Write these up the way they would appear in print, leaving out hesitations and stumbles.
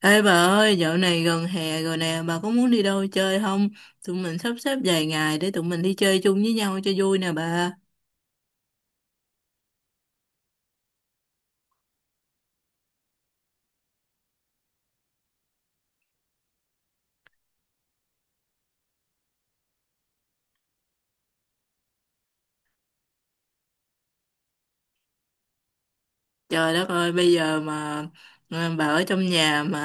Ê bà ơi, dạo này gần hè rồi nè, bà có muốn đi đâu chơi không? Tụi mình sắp xếp vài ngày để tụi mình đi chơi chung với nhau cho vui nè bà. Trời đất ơi, bây giờ mà bà ở trong nhà mà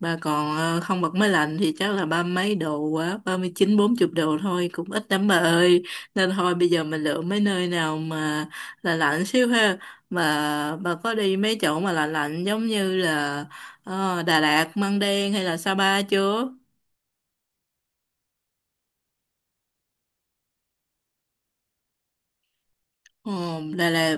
bà còn không bật máy lạnh thì chắc là ba mấy độ quá, 39-40 độ thôi, cũng ít lắm bà ơi. Nên thôi bây giờ mình lựa mấy nơi nào mà là lạnh xíu ha. Mà bà có đi mấy chỗ mà là lạnh lạnh giống như là Đà Lạt, Măng Đen hay là Sa Pa chưa? Ồ, Đà Lạt,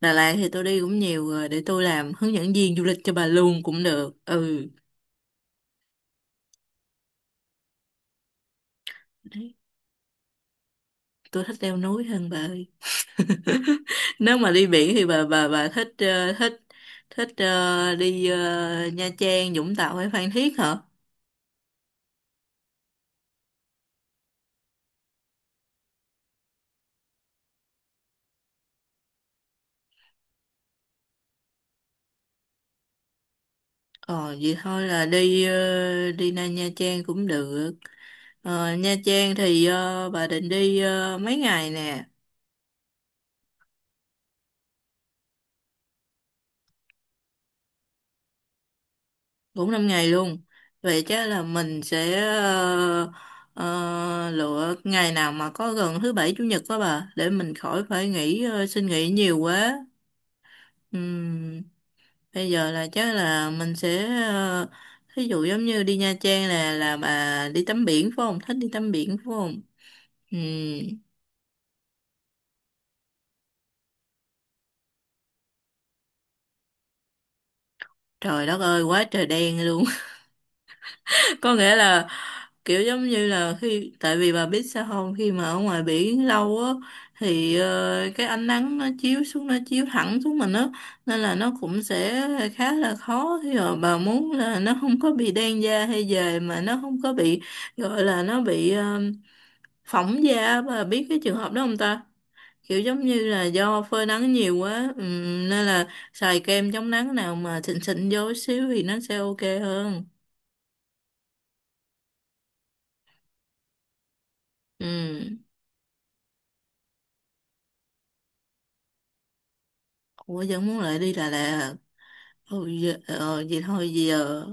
Đà Lạt thì tôi đi cũng nhiều rồi, để tôi làm hướng dẫn viên du lịch cho bà luôn cũng được. Ừ, đấy, tôi thích leo núi hơn bà ơi. Nếu mà đi biển thì bà thích ờ, thích thích ờ, đi Nha Trang, Vũng Tàu hay Phan Thiết hả? Ờ, vậy thôi là đi đi ra Nha Trang cũng được. Ờ, Nha Trang thì bà định đi mấy ngày nè? 4-5 ngày luôn, vậy chắc là mình sẽ lựa ngày nào mà có gần thứ bảy chủ nhật đó bà để mình khỏi phải xin nghỉ nhiều quá. Ừm, bây giờ là chắc là mình sẽ thí dụ giống như đi Nha Trang là bà đi tắm biển phải không, thích đi tắm biển phải không? Ừm, trời đất ơi quá trời đen luôn. Có nghĩa là kiểu giống như là khi, tại vì bà biết sao không, khi mà ở ngoài biển lâu á, thì cái ánh nắng nó chiếu xuống, nó chiếu thẳng xuống mình á, nên là nó cũng sẽ khá là khó, thì rồi bà muốn là nó không có bị đen da hay dề, mà nó không có bị, gọi là nó bị phỏng da, bà biết cái trường hợp đó không ta, kiểu giống như là do phơi nắng nhiều quá, nên là xài kem chống nắng nào mà xịn xịn vô xíu thì nó sẽ ok hơn. Ừ. Ủa vẫn muốn lại đi Đà Lạt. Ừ, giờ, vậy thôi giờ.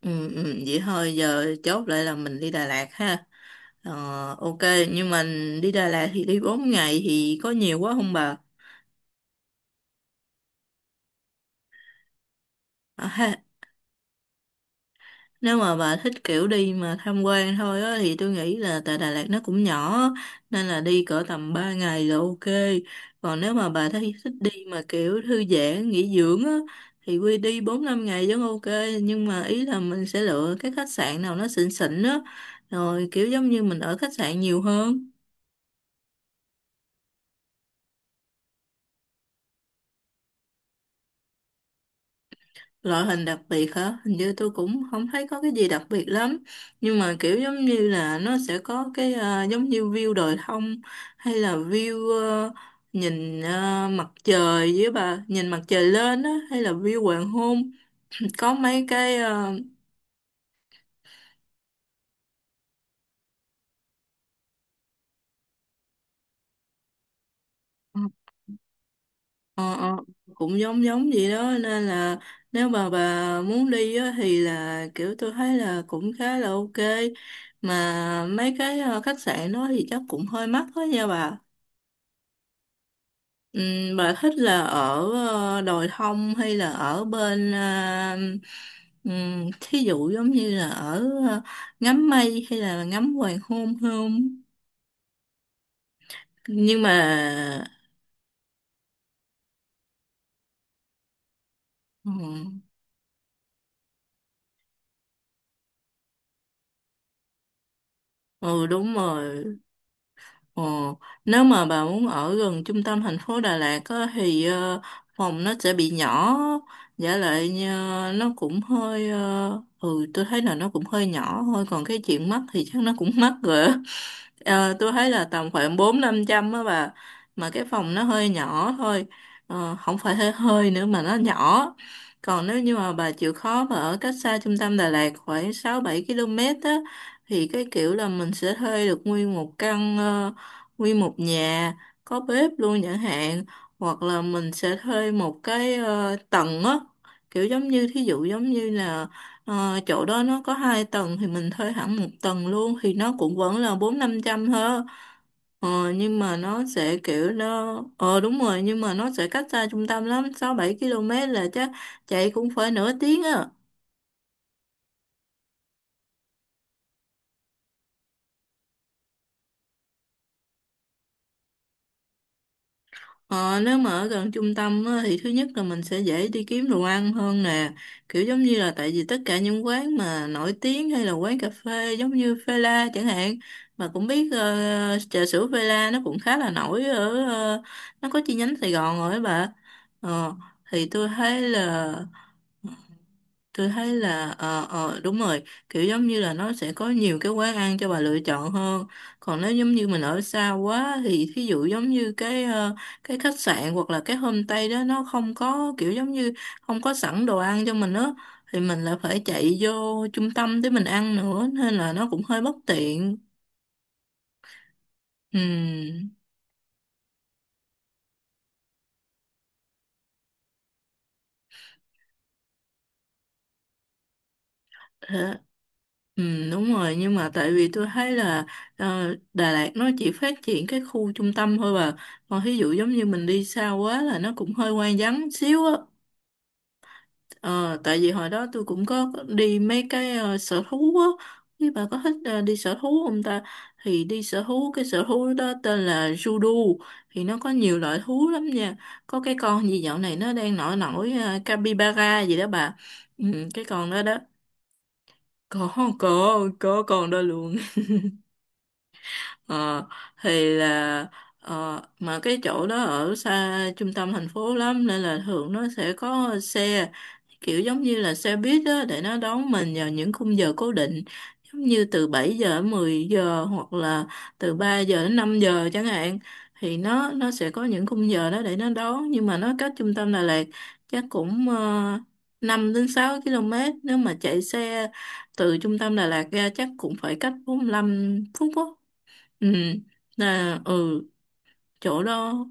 Ừ, ừ, vậy thôi giờ chốt lại là mình đi Đà Lạt ha. Ờ, ok nhưng mà đi Đà Lạt thì đi 4 ngày thì có nhiều quá không bà? À, ha, nếu mà bà thích kiểu đi mà tham quan thôi á thì tôi nghĩ là tại Đà Lạt nó cũng nhỏ á, nên là đi cỡ tầm 3 ngày là ok. Còn nếu mà bà thấy thích đi mà kiểu thư giãn, nghỉ dưỡng á thì quy đi 4-5 ngày vẫn ok, nhưng mà ý là mình sẽ lựa cái khách sạn nào nó xịn xịn á, rồi kiểu giống như mình ở khách sạn nhiều hơn. Loại hình đặc biệt hả? Hình như tôi cũng không thấy có cái gì đặc biệt lắm. Nhưng mà kiểu giống như là nó sẽ có cái giống như view đồi thông hay là view nhìn mặt trời, với bà nhìn mặt trời lên á, hay là view hoàng hôn. Có mấy cái ờ, ờ, cũng giống giống vậy đó, nên là nếu mà bà muốn đi á, thì là kiểu tôi thấy là cũng khá là ok. Mà mấy cái khách sạn đó thì chắc cũng hơi mắc đó nha bà. Ừ, bà thích là ở đồi thông hay là ở bên thí dụ giống như là ở ngắm mây hay là ngắm hoàng hôn không, nhưng mà ừ, ừ đúng rồi. Ồ, nếu mà bà muốn ở gần trung tâm thành phố Đà Lạt á, thì phòng nó sẽ bị nhỏ, giả lại như nó cũng hơi, tôi thấy là nó cũng hơi nhỏ thôi, còn cái chuyện mắc thì chắc nó cũng mắc rồi á. Ờ, tôi thấy là tầm khoảng 4-500 á bà, mà cái phòng nó hơi nhỏ thôi. Ờ, không phải hơi hơi nữa mà nó nhỏ. Còn nếu như mà bà chịu khó mà ở cách xa trung tâm Đà Lạt khoảng 6-7 km á, thì cái kiểu là mình sẽ thuê được nguyên một nhà có bếp luôn chẳng hạn, hoặc là mình sẽ thuê một cái tầng á, kiểu giống như thí dụ giống như là chỗ đó nó có hai tầng thì mình thuê hẳn một tầng luôn thì nó cũng vẫn là 4-500 thôi. Nhưng mà nó sẽ kiểu nó đúng rồi, nhưng mà nó sẽ cách xa trung tâm lắm, 6-7 km là chắc, chạy cũng phải nửa tiếng á. Ờ, nếu mà ở gần trung tâm á, thì thứ nhất là mình sẽ dễ đi kiếm đồ ăn hơn nè, kiểu giống như là tại vì tất cả những quán mà nổi tiếng hay là quán cà phê giống như Phê La chẳng hạn, mà cũng biết trà sữa Phê La nó cũng khá là nổi ở nó có chi nhánh Sài Gòn rồi á bà. ờ, thì tôi thấy là, đúng rồi, kiểu giống như là nó sẽ có nhiều cái quán ăn cho bà lựa chọn hơn. Còn nếu giống như mình ở xa quá thì thí dụ giống như cái khách sạn hoặc là cái homestay đó nó không có kiểu giống như không có sẵn đồ ăn cho mình á, thì mình lại phải chạy vô trung tâm để mình ăn nữa, nên là nó cũng hơi bất tiện. Ừ. Hả? Ừ, đúng rồi, nhưng mà tại vì tôi thấy là Đà Lạt nó chỉ phát triển cái khu trung tâm thôi bà, còn ví dụ giống như mình đi xa quá là nó cũng hơi hoang vắng xíu á. Ờ, tại vì hồi đó tôi cũng có đi mấy cái sở thú á. Thì bà có thích đi sở thú không ta? Thì đi sở thú, cái sở thú đó tên là Judo, thì nó có nhiều loại thú lắm nha, có cái con gì dạo này nó đang nổi nổi capybara gì đó bà. Ừ, cái con đó đó, có có còn đó luôn. Ờ, thì là mà cái chỗ đó ở xa trung tâm thành phố lắm, nên là thường nó sẽ có xe, kiểu giống như là xe buýt đó để nó đón mình vào những khung giờ cố định, giống như từ 7 giờ đến 10 giờ hoặc là từ 3 giờ đến 5 giờ chẳng hạn, thì nó sẽ có những khung giờ đó để nó đón, nhưng mà nó cách trung tâm Đà Lạt chắc cũng 5 đến 6 km. Nếu mà chạy xe từ trung tâm Đà Lạt ra chắc cũng phải cách 45 phút á. Ừ, là chỗ đó.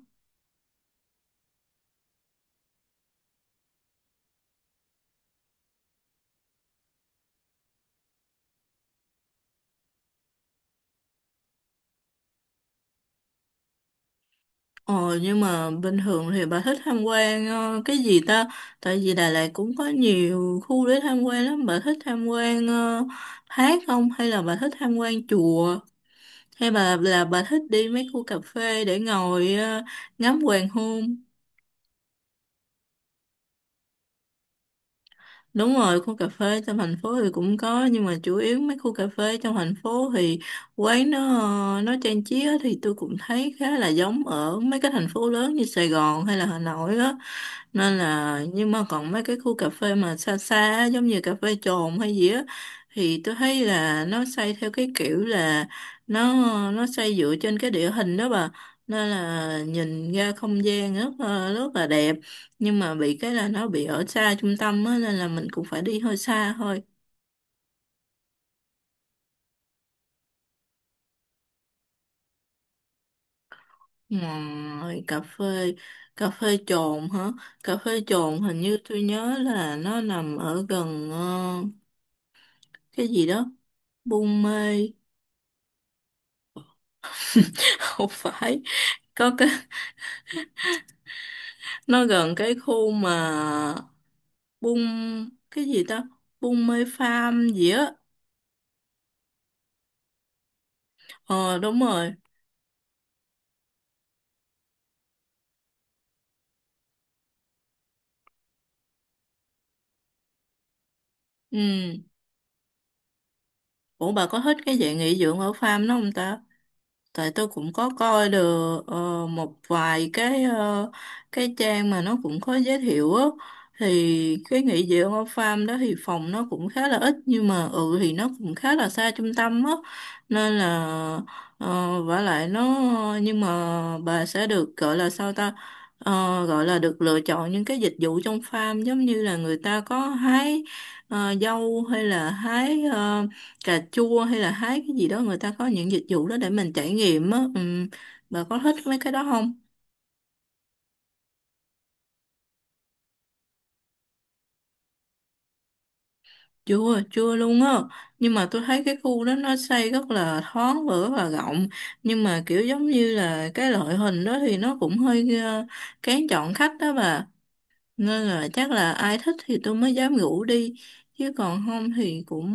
Ờ nhưng mà bình thường thì bà thích tham quan cái gì ta, tại vì Đà Lạt cũng có nhiều khu để tham quan lắm, bà thích tham quan thác không hay là bà thích tham quan chùa, hay bà thích đi mấy khu cà phê để ngồi ngắm hoàng hôn? Đúng rồi, khu cà phê trong thành phố thì cũng có, nhưng mà chủ yếu mấy khu cà phê trong thành phố thì quán nó trang trí á, thì tôi cũng thấy khá là giống ở mấy cái thành phố lớn như Sài Gòn hay là Hà Nội á. Nên là, nhưng mà còn mấy cái khu cà phê mà xa xa á, giống như cà phê Trồn hay gì á, thì tôi thấy là nó xây theo cái kiểu là nó nó xây dựa trên cái địa hình đó bà. Nên là nhìn ra không gian rất là đẹp, nhưng mà bị cái là nó bị ở xa trung tâm á, nên là mình cũng phải đi hơi xa thôi. Ngoài cà phê Trồn hả, cà phê Trồn hình như tôi nhớ là nó nằm ở gần cái gì đó, Buôn Mê. Không phải, có cái nó gần cái khu mà Buôn cái gì ta, Buôn Mê Farm gì á. Ờ đúng rồi. Ừ. Ủa bà có thích cái dạng nghỉ dưỡng ở farm đó không ta? Tại tôi cũng có coi được một vài cái cái trang mà nó cũng có giới thiệu á, thì cái nghỉ dưỡng ở farm đó thì phòng nó cũng khá là ít, nhưng mà thì nó cũng khá là xa trung tâm á, nên là vả lại nó, nhưng mà bà sẽ được gọi là sao ta. Ờ, gọi là được lựa chọn những cái dịch vụ trong farm giống như là người ta có hái dâu hay là hái cà chua hay là hái cái gì đó, người ta có những dịch vụ đó để mình trải nghiệm á. Ừ, bà có thích mấy cái đó không? Chưa chưa luôn á, nhưng mà tôi thấy cái khu đó nó xây rất là thoáng và rất là rộng, nhưng mà kiểu giống như là cái loại hình đó thì nó cũng hơi kén chọn khách đó bà, nên là chắc là ai thích thì tôi mới dám rủ đi, chứ còn không thì cũng.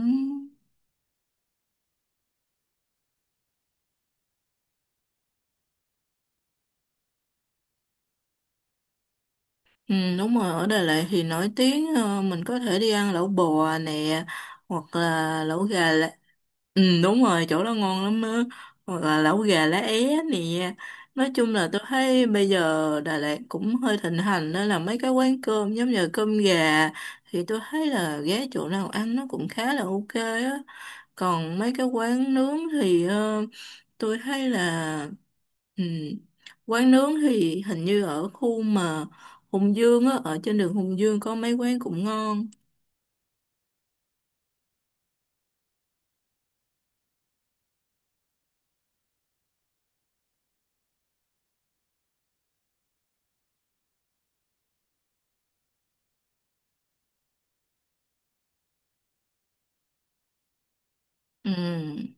Ừ, đúng rồi, ở Đà Lạt thì nổi tiếng mình có thể đi ăn lẩu bò nè hoặc là lẩu gà. Ừ đúng rồi chỗ đó ngon lắm á. Hoặc là lẩu gà lá é nè. Nói chung là tôi thấy bây giờ Đà Lạt cũng hơi thịnh hành, đó là mấy cái quán cơm giống như cơm gà. Thì tôi thấy là ghé chỗ nào ăn nó cũng khá là ok á. Còn mấy cái quán nướng thì tôi thấy là, ừ, quán nướng thì hình như ở khu mà Hùng Dương á, ở trên đường Hùng Dương có mấy quán cũng ngon. Ừ,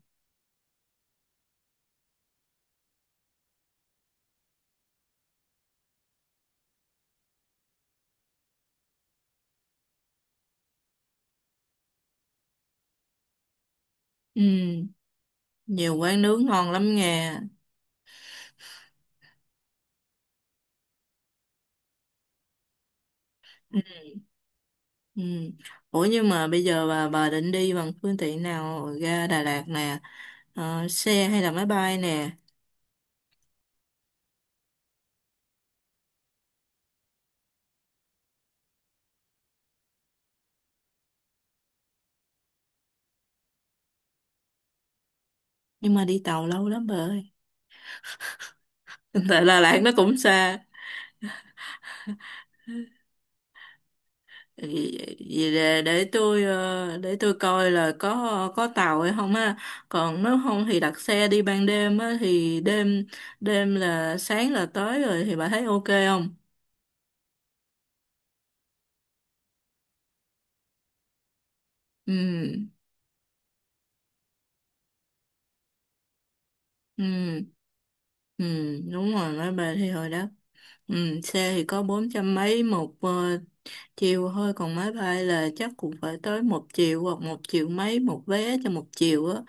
ừ, nhiều quán nướng ngon lắm nghe. Ừ. Ủa nhưng mà bây giờ bà định đi bằng phương tiện nào ra Đà Lạt nè? Xe hay là máy bay nè? Nhưng mà đi tàu lâu lắm bà ơi, tại Đà Lạt nó cũng xa. Vì, để tôi coi là có tàu hay không á, còn nếu không thì đặt xe đi ban đêm á, thì đêm đêm là sáng là tới rồi, thì bà thấy ok không? Ừ ừ ừ đúng rồi, máy bay thì hồi đó. Ừ, xe thì có 400 mấy một chiều thôi, còn máy bay là chắc cũng phải tới 1 triệu hoặc một triệu mấy một vé cho một chiều á.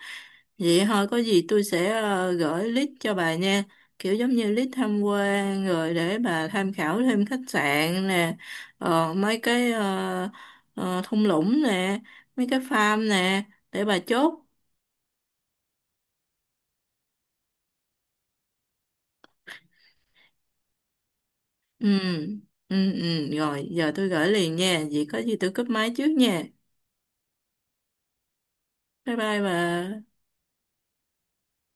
Vậy thôi có gì tôi sẽ gửi list cho bà nha, kiểu giống như list tham quan, rồi để bà tham khảo thêm khách sạn nè, mấy cái thung lũng nè, mấy cái farm nè, để bà chốt. Ừ. Ừ ừ, rồi giờ tôi gửi liền nha, vậy có gì tôi cúp máy trước nha. Bye bye bà.